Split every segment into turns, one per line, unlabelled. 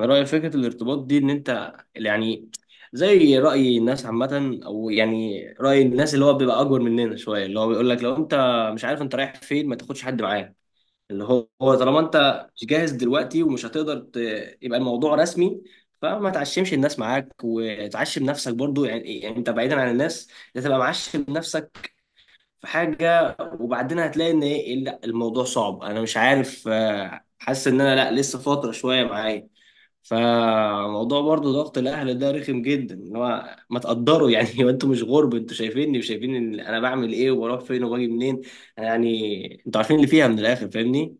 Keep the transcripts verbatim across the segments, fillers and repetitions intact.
رأي فكرة الارتباط دي إن أنت يعني زي رأي الناس عامة، أو يعني رأي الناس اللي هو بيبقى أكبر مننا شوية، اللي هو بيقول لك لو أنت مش عارف أنت رايح فين ما تاخدش حد معاك. اللي هو هو طالما أنت مش جاهز دلوقتي ومش هتقدر ت... يبقى الموضوع رسمي. فما تعشمش الناس معاك وتعشم نفسك برضو، يعني إيه؟ يعني أنت بعيدا عن الناس أنت تبقى معشم نفسك في حاجة، وبعدين هتلاقي إن إيه، لا الموضوع صعب، أنا مش عارف، آه، حاسس إن أنا لا لسه فترة شوية معايا. فموضوع برضو ضغط الاهل ده رخم جدا، اللي هو ما تقدروا يعني هو انتوا مش غرب، انتوا شايفيني وشايفين إن انا بعمل ايه وبروح فين وباجي منين، يعني انتوا عارفين اللي فيها. من الاخر فاهمني.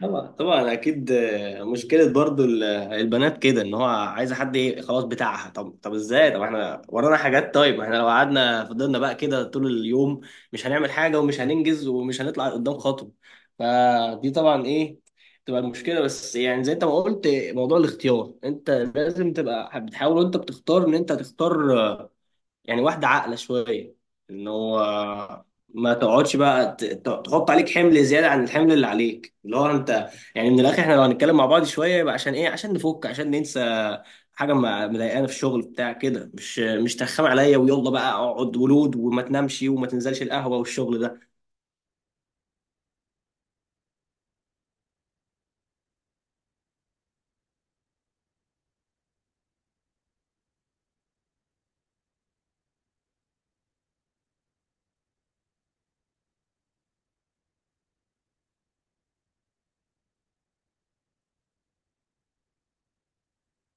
طبعا طبعا اكيد، آه، مشكله برضو ال- البنات كده، ان هو عايزه حد، ايه خلاص بتاعها. طب طب ازاي، طب احنا ورانا حاجات، طيب احنا لو قعدنا فضلنا بقى كده طول اليوم مش هنعمل حاجه ومش هننجز ومش هنطلع قدام خطوه. فدي طبعا ايه، تبقى المشكله. بس يعني زي انت ما قلت موضوع الاختيار، انت لازم تبقى بتحاول وانت بتختار ان انت تختار يعني واحدة عاقلة شوية، ان هو ما تقعدش بقى ت- ت- تحط عليك حمل زيادة عن الحمل اللي عليك، اللي هو انت يعني من الاخر احنا لو هنتكلم مع بعض شوية يبقى عشان ايه، عشان نفك، عشان ننسى حاجة ما- مضايقانا في الشغل، بتاع كده، مش مش ترخم عليا، ويلا بقى اقعد ولود وما تنامش وما تنزلش القهوة والشغل ده.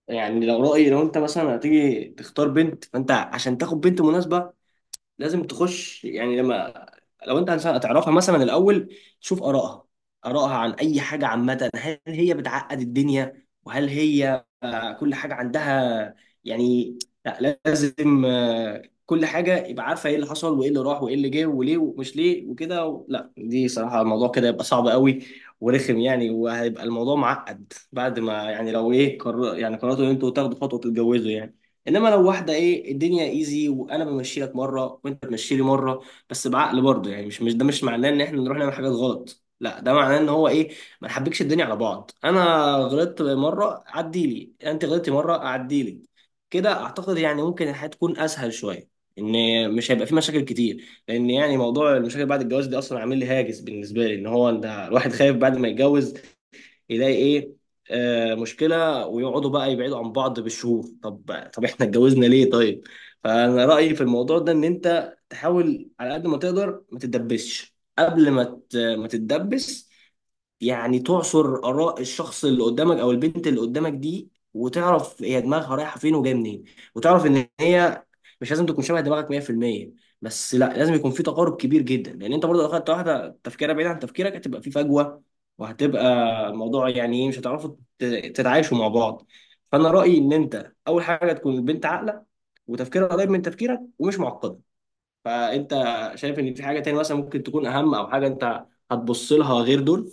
يعني لو رأيي، لو انت مثلا هتيجي تختار بنت فانت عشان تاخد بنت مناسبة لازم تخش، يعني لما لو انت انسان هتعرفها مثلا الاول تشوف ارائها ارائها عن اي حاجه عامه، هل هي بتعقد الدنيا، وهل هي آه، كل حاجه عندها يعني، لا لازم آه، كل حاجه يبقى عارفه ايه اللي حصل وايه اللي راح وايه اللي جه وليه ومش ليه وكده و... لا دي صراحه الموضوع كده يبقى صعب قوي ورخم يعني، وهيبقى الموضوع معقد. بعد ما يعني لو ايه قرر، يعني قررتوا ان انتوا تاخدوا خطوه تتجوزوا يعني، انما لو واحده ايه الدنيا ايزي، وانا بمشي لك مره وانت بتمشي لي مره، بس بعقل برضه يعني، مش مش ده مش معناه ان احنا نروح نعمل حاجات غلط، لا ده معناه ان هو ايه، ما نحبكش الدنيا على بعض. انا غلطت مره عدي لي، انت غلطتي مره عدي لي. كده اعتقد يعني ممكن الحياه تكون اسهل شويه، ان مش هيبقى في مشاكل كتير، لان يعني موضوع المشاكل بعد الجواز دي اصلا عامل لي هاجس، بالنسبه لي ان هو انت الواحد خايف بعد ما يتجوز يلاقي ايه، آه مشكله، ويقعدوا بقى يبعدوا عن بعض بالشهور، طب طب احنا اتجوزنا ليه؟ طيب. فانا رايي في الموضوع ده ان انت تحاول على قد ما تقدر ما تتدبسش، قبل ما ت- ما تتدبس يعني تعصر آراء الشخص اللي قدامك أو البنت اللي قدامك دي، وتعرف هي دماغها رايحة فين وجاية منين، وتعرف إن هي مش لازم تكون شبه دماغك مية في المية، بس لا لازم يكون في تقارب كبير جدا، لأن أنت برضه لو أخدت واحدة تفكيرها بعيد عن تفكيرك هتبقى في فجوة، وهتبقى الموضوع يعني إيه، مش هتعرفوا ت- تتعايشوا مع بعض. فأنا رأيي إن أنت أول حاجة تكون البنت عاقلة وتفكيرها قريب من تفكيرك ومش معقدة. فأنت شايف إن في حاجة تاني مثلا ممكن تكون أهم، أو حاجة أنت هتبص لها غير دول؟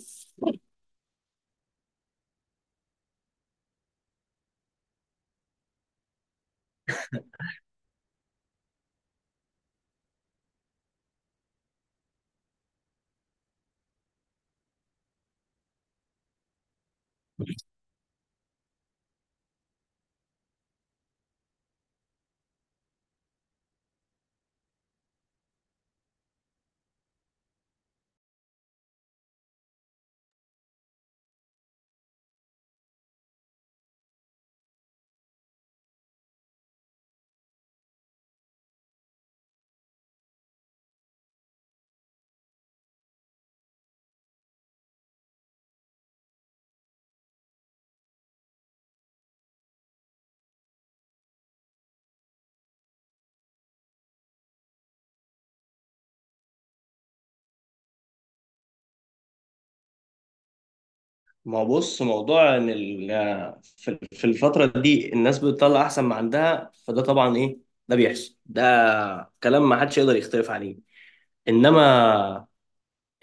ما هو بص، موضوع ان ال- في في الفتره دي الناس بتطلع احسن ما عندها، فده طبعا ايه، ده بيحصل، ده كلام ما حدش يقدر يختلف عليه. انما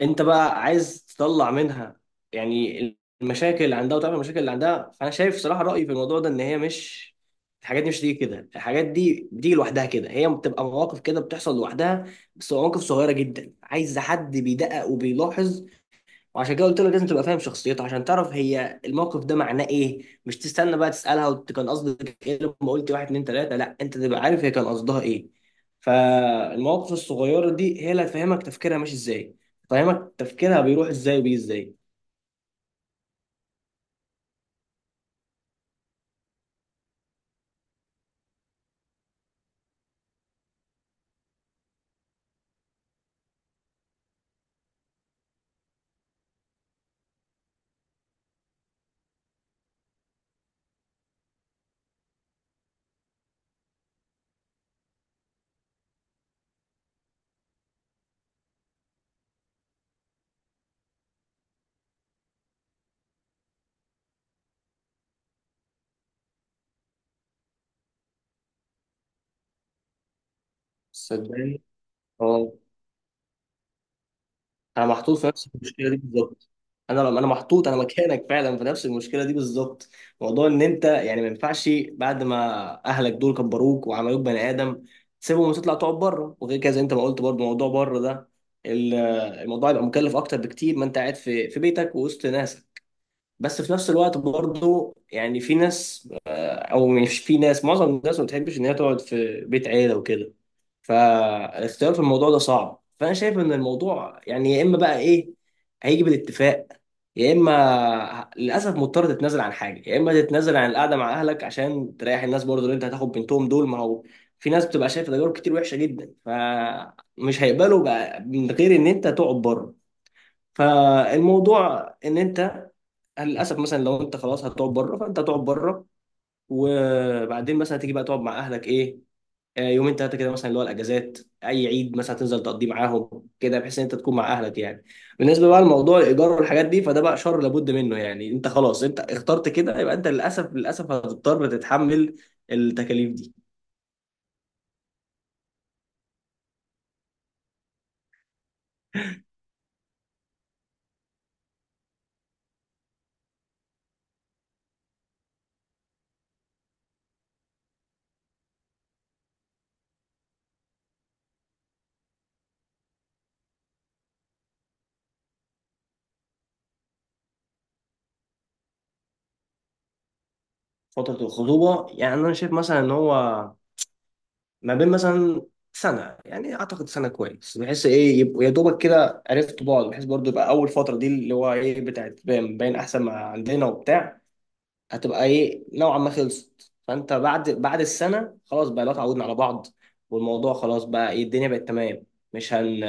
انت بقى عايز تطلع منها يعني المشاكل اللي عندها وتعمل المشاكل اللي عندها. فانا شايف صراحه رايي في الموضوع ده ان هي مش، الحاجات دي مش تيجي كده، الحاجات دي بتيجي لوحدها كده، هي بتبقى مواقف كده بتحصل لوحدها، بس مواقف صغيره جدا عايز حد بيدقق وبيلاحظ. وعشان كده قلت لك لازم تبقى فاهم شخصيته عشان تعرف هي الموقف ده معناه ايه، مش تستنى بقى تسالها وت- كان قصدك ايه لما قلت واحد اتنين تلاته، لا انت تبقى عارف هي كان قصدها ايه. فالمواقف الصغيره دي هي اللي هتفهمك تفكيرها ماشي ازاي، تفهمك تفكيرها بيروح ازاي وبيجي ازاي. صدقني. اه. انا محطوط في نفس المشكله دي بالظبط. انا لما انا محطوط انا مكانك فعلا في نفس المشكله دي بالظبط. موضوع ان انت يعني ما ينفعش بعد ما اهلك دول كبروك وعملوك بني ادم تسيبهم وتطلع تقعد بره، وغير كده زي انت ما قلت برضه موضوع بره ده، ال- الموضوع يبقى مكلف اكتر بكتير ما انت قاعد في في بيتك ووسط ناسك. بس في نفس الوقت برضه يعني في ناس، او مش في ناس، معظم الناس ما بتحبش ان هي تقعد في بيت عيله وكده. فالاختيار في الموضوع ده صعب، فانا شايف ان الموضوع يعني يا اما بقى ايه، هيجي بالاتفاق، يا اما ه- للاسف مضطر تتنازل عن حاجه، يا اما تتنازل عن القعده مع اهلك عشان تريح الناس برضه اللي انت هتاخد بنتهم دول، ما هو في ناس بتبقى شايفه تجارب كتير وحشه جدا، فمش هيقبلوا بقى من غير ان انت تقعد بره. فالموضوع ان انت للاسف مثلا لو انت خلاص هتقعد بره فانت هتقعد بره، وبعدين مثلا تيجي بقى تقعد مع اهلك ايه، آه، يومين ثلاثه كده مثلا، اللي هو الاجازات، اي عيد مثلا تنزل تقضيه معاهم كده بحيث ان انت تكون مع اهلك يعني. بالنسبه بقى لموضوع الايجار والحاجات دي فده بقى شر لابد منه يعني، انت خلاص، انت اخترت كده يبقى انت للاسف للاسف هتضطر تتحمل التكاليف دي. فتره الخطوبه، يعني انا شايف مثلا ان هو ما بين مثلا سنه، يعني اعتقد سنه كويس، بحيث ايه يبقوا يا دوبك كده عرفتوا بعض، بحيث برضو يبقى اول فتره دي اللي هو ايه بتاعت باين باين احسن ما عندنا وبتاع، هتبقى ايه نوعا ما خلصت. فانت بعد بعد السنه خلاص بقى لو اتعودنا على بعض، والموضوع خلاص بقى ايه، الدنيا بقت تمام، مش هن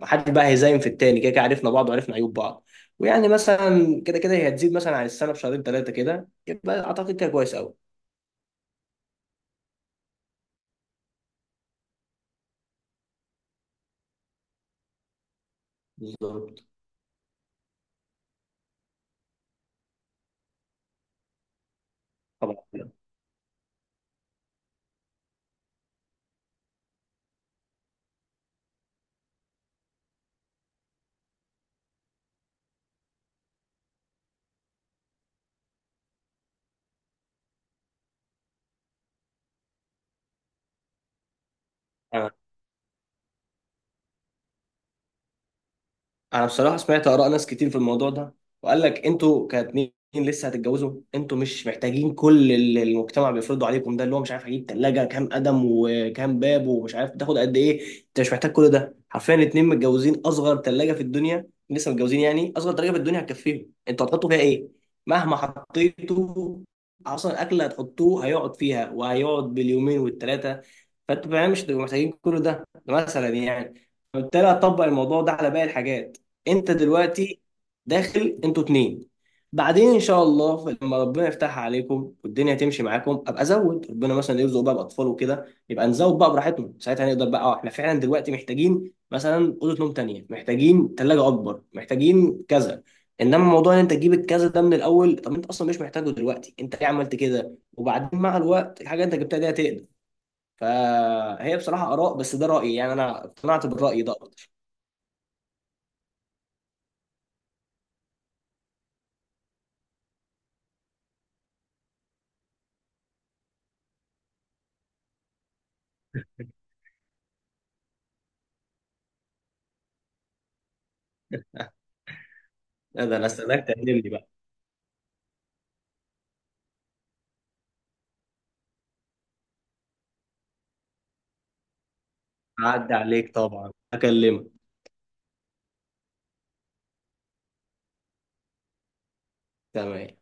محد بقى هيزايم في التاني، كده كده عرفنا بعض وعرفنا عيوب بعض، ويعني مثلا كده كده هي هتزيد مثلا عن السنه بشهرين ثلاثه كده، يبقى اعتقد كده كويس قوي. بالظبط. طبعا. آه. انا بصراحه سمعت اراء ناس كتير في الموضوع ده، وقال لك انتوا كاتنين لسه هتتجوزوا، انتوا مش محتاجين كل اللي المجتمع بيفرضه عليكم ده، اللي هو مش عارف هجيب ثلاجه كام قدم وكام باب، ومش عارف تاخد قد ايه. انت مش محتاج كل ده، حرفيا اتنين متجوزين، اصغر ثلاجه في الدنيا لسه متجوزين يعني اصغر ثلاجه في الدنيا هتكفيهم، انتوا هتحطوا فيها ايه؟ مهما حطيتوا اصلا الاكل اللي هتحطوه هيقعد فيها وهيقعد باليومين والثلاثه، فانتوا فعلا مش هتبقوا محتاجين كل ده، ده مثلا يعني، فبالتالي هتطبق الموضوع ده على باقي الحاجات. انت دلوقتي داخل انتوا اتنين، بعدين ان شاء الله لما ربنا يفتح عليكم والدنيا تمشي معاكم ابقى ازود، ربنا مثلا يرزق بقى باطفال وكده يبقى نزود بقى براحتنا، ساعتها نقدر بقى، اه احنا فعلا دلوقتي محتاجين مثلا اوضه نوم تانية، محتاجين ثلاجه اكبر، محتاجين كذا. انما موضوع ان انت تجيب الكذا ده من الاول، طب انت اصلا مش محتاجه دلوقتي، انت ليه عملت كده؟ وبعدين مع الوقت الحاجه انت جبتها دي هتقدر. فهي بصراحه اراء، بس ده رايي يعني، انا اقتنعت بالراي ده اكتر. ده انا استناك تقدم لي بقى. عدى عليك طبعا هكلمك. تمام.